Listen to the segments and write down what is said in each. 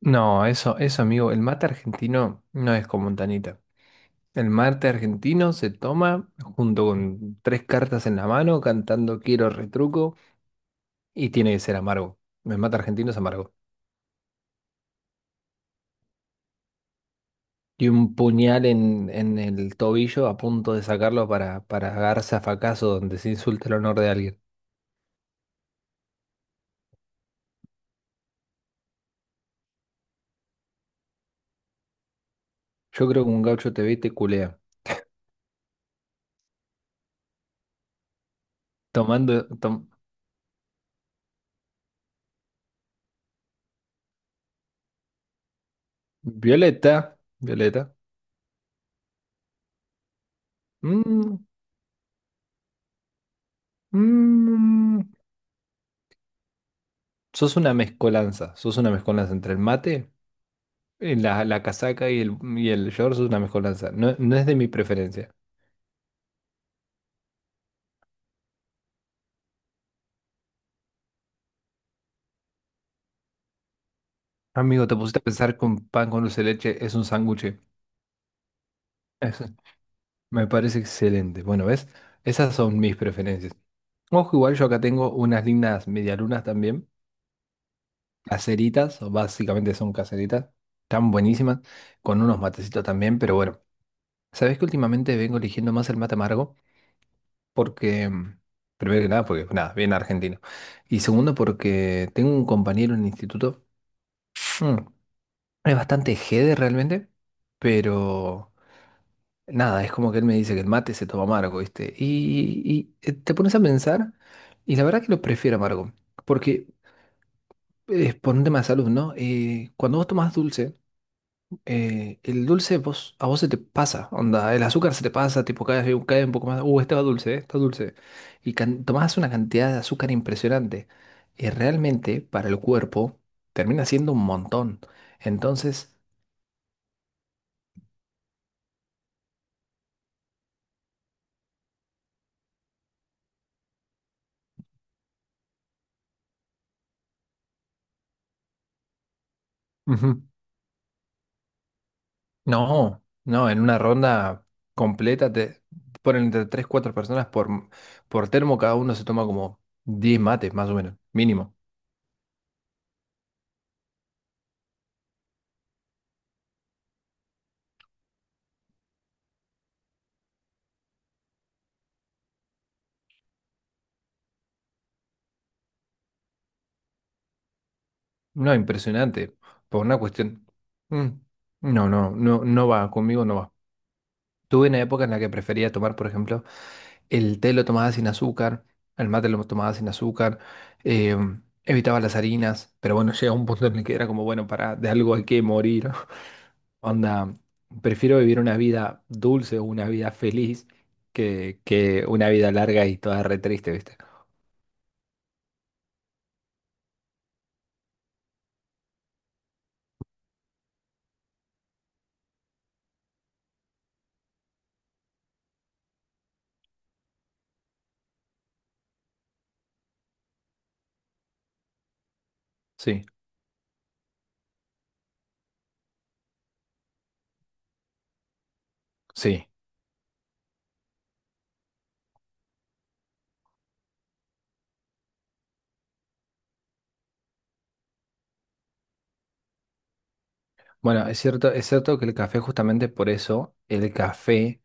No, eso, amigo, el mate argentino no es con Montanita. El mate argentino se toma junto con tres cartas en la mano, cantando Quiero retruco, y tiene que ser amargo. El mate argentino es amargo. Y un puñal en el tobillo a punto de sacarlo para agarrarse a facazo donde se insulta el honor de alguien. Yo creo que un gaucho te ve y te culea. Tomando. Violeta, Violeta. Mm, mm, sos una mezcolanza. Sos una mezcolanza entre el mate. La casaca y el shorts es una mezcolanza. No, no es de mi preferencia. Amigo, te pusiste a pensar con pan con dulce de leche es un sándwich. Eso me parece excelente. Bueno, ¿ves? Esas son mis preferencias. Ojo, igual yo acá tengo unas lindas medialunas también. Caseritas, o básicamente son caseritas. Tan buenísimas. Con unos matecitos también, pero bueno. ¿Sabés que últimamente vengo eligiendo más el mate amargo? Porque, mm, Primero que nada, porque nada, bien argentino. Y segundo, porque tengo un compañero en el instituto. Mm, Es bastante jede realmente, pero nada, es como que él me dice que el mate se toma amargo, ¿viste? Te pones a pensar, y la verdad que lo prefiero amargo, porque es por un tema de salud, ¿no? Cuando vos tomás dulce, el dulce vos, a vos se te pasa, onda, el azúcar se te pasa, tipo cae vez cae un poco más, este va dulce, está dulce, y tomás una cantidad de azúcar impresionante, y realmente para el cuerpo termina siendo un montón, entonces... Ujú. No, no, en una ronda completa te ponen entre 3 4 personas por termo, cada uno se toma como 10 mates, más o menos, mínimo. No, impresionante, por una cuestión. Mm, no va, conmigo no va. Tuve una época en la que prefería tomar, por ejemplo, el té lo tomaba sin azúcar, el mate lo tomaba sin azúcar, eh, evitaba las harinas, pero bueno, llega un punto en el que era como, bueno, para de algo hay que morir. Onda, prefiero vivir una vida dulce o una vida feliz que una vida larga y toda re triste, ¿viste? Sí, sí. Bueno, es cierto que el café, justamente por eso, el café.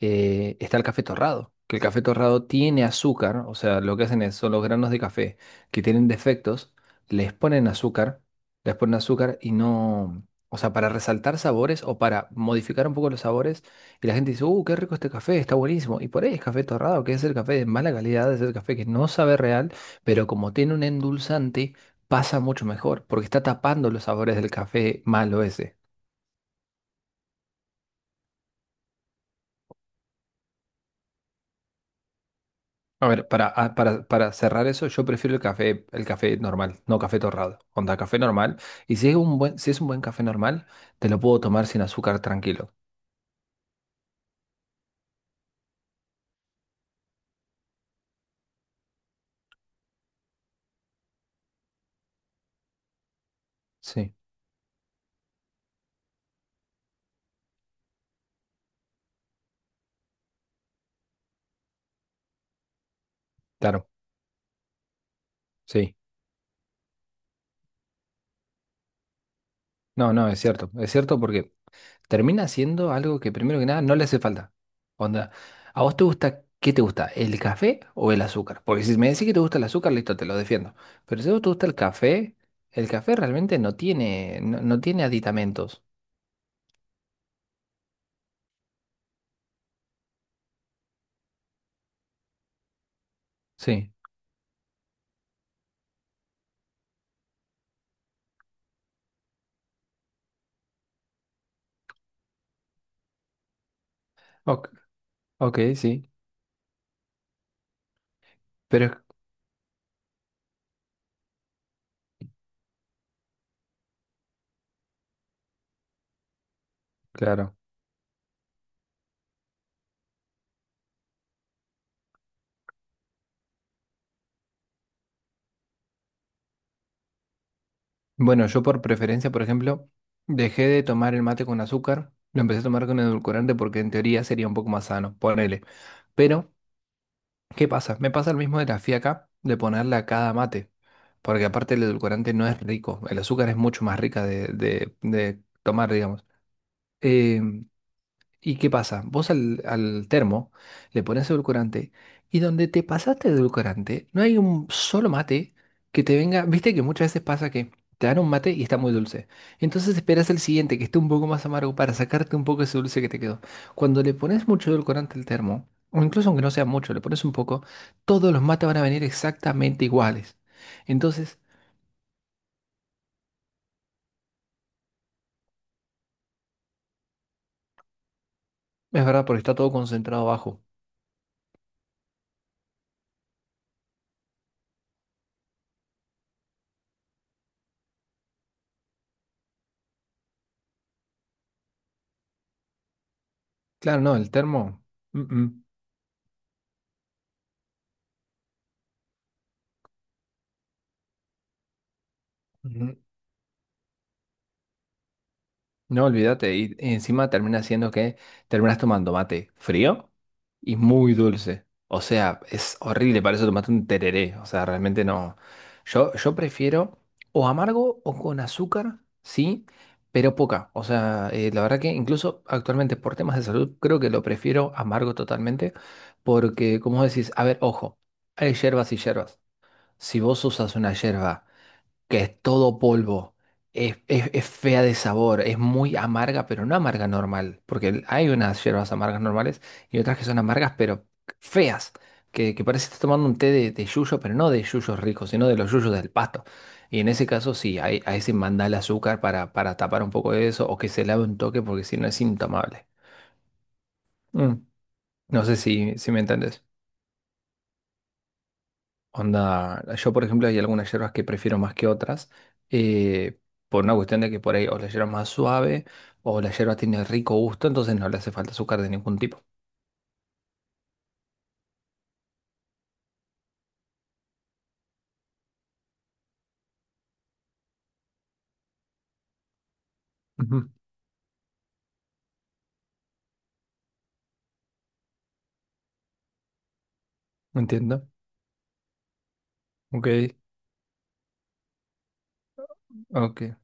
Está el café torrado, que el café torrado tiene azúcar, o sea, lo que hacen es, son los granos de café que tienen defectos, les ponen azúcar, les ponen azúcar y no, o sea, para resaltar sabores o para modificar un poco los sabores, y la gente dice, qué rico este café, está buenísimo, y por ahí es café torrado, que es el café de mala calidad, es el café que no sabe real, pero como tiene un endulzante, pasa mucho mejor, porque está tapando los sabores del café malo ese. A ver, para cerrar eso, yo prefiero el café normal, no café torrado. Onda, café normal. Y si es un buen, si es un buen café normal, te lo puedo tomar sin azúcar tranquilo. Sí, claro, sí. No, no, es cierto. Es cierto porque termina siendo algo que primero que nada no le hace falta. Onda, ¿a vos te gusta, qué te gusta? ¿El café o el azúcar? Porque si me decís que te gusta el azúcar, listo, te lo defiendo. Pero si a vos te gusta el café realmente no tiene, no, no tiene aditamentos. Sí. Ok, ok, sí. Pero es claro. Bueno, yo por preferencia, por ejemplo, dejé de tomar el mate con azúcar, lo empecé a tomar con edulcorante porque en teoría sería un poco más sano, ponele. Pero, ¿qué pasa? Me pasa el mismo de la fiaca, de ponerle a cada mate, porque aparte el edulcorante no es rico, el azúcar es mucho más rica de, de tomar, digamos. Eh, ¿Y qué pasa? Vos al termo le pones edulcorante y donde te pasaste de edulcorante no hay un solo mate que te venga. Viste que muchas veces pasa que te dan un mate y está muy dulce. Entonces esperas el siguiente que esté un poco más amargo para sacarte un poco ese dulce que te quedó. Cuando le pones mucho edulcorante al termo, o incluso aunque no sea mucho, le pones un poco, todos los mates van a venir exactamente iguales. Entonces, es verdad porque está todo concentrado abajo. Claro, no, el termo. Mm, mm. Ujú. No, olvídate. Y encima termina siendo que terminas tomando mate frío y muy dulce. O sea, es horrible. Para eso tomaste un tereré. O sea, realmente no. Yo prefiero o amargo o con azúcar, sí, pero poca. O sea, la verdad que incluso actualmente por temas de salud creo que lo prefiero amargo totalmente. Porque, como decís, a ver, ojo, hay hierbas y hierbas. Si vos usas una hierba que es todo polvo. Es, es fea de sabor, es muy amarga, pero no amarga normal, porque hay unas hierbas amargas normales y otras que son amargas, pero feas, que parece que estás tomando un té de yuyo, pero no de yuyos ricos, sino de los yuyos del pasto. Y en ese caso sí, ese mandale azúcar para tapar un poco de eso o que se lave un toque porque si no es intomable. Mm, no sé si me entendés. Onda, yo por ejemplo hay algunas hierbas que prefiero más que otras, eh, por una cuestión de que por ahí o la hierba es más suave o la hierba tiene rico gusto, entonces no le hace falta azúcar de ningún tipo. Ujú, entiendo. Ok, ok, es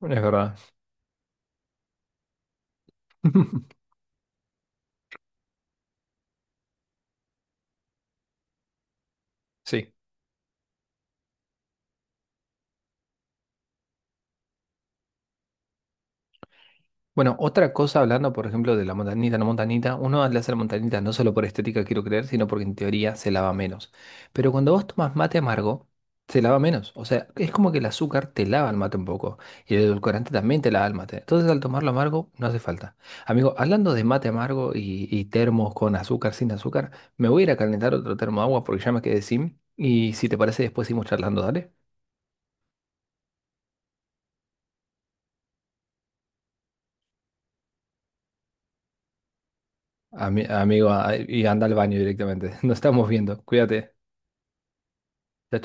verdad. Sí. Bueno, otra cosa hablando, por ejemplo, de la montañita, no montañita, uno le hace la montañita no solo por estética, quiero creer, sino porque en teoría se lava menos. Pero cuando vos tomas mate amargo, se lava menos. O sea, es como que el azúcar te lava el mate un poco. Y el edulcorante también te lava el mate. Entonces, al tomarlo amargo, no hace falta. Amigo, hablando de mate amargo y termos con azúcar, sin azúcar, me voy a ir a calentar otro termo de agua porque ya me quedé sin. Y si te parece, después seguimos charlando, dale. Amigo, y anda al baño directamente. Nos estamos viendo. Cuídate. Chao,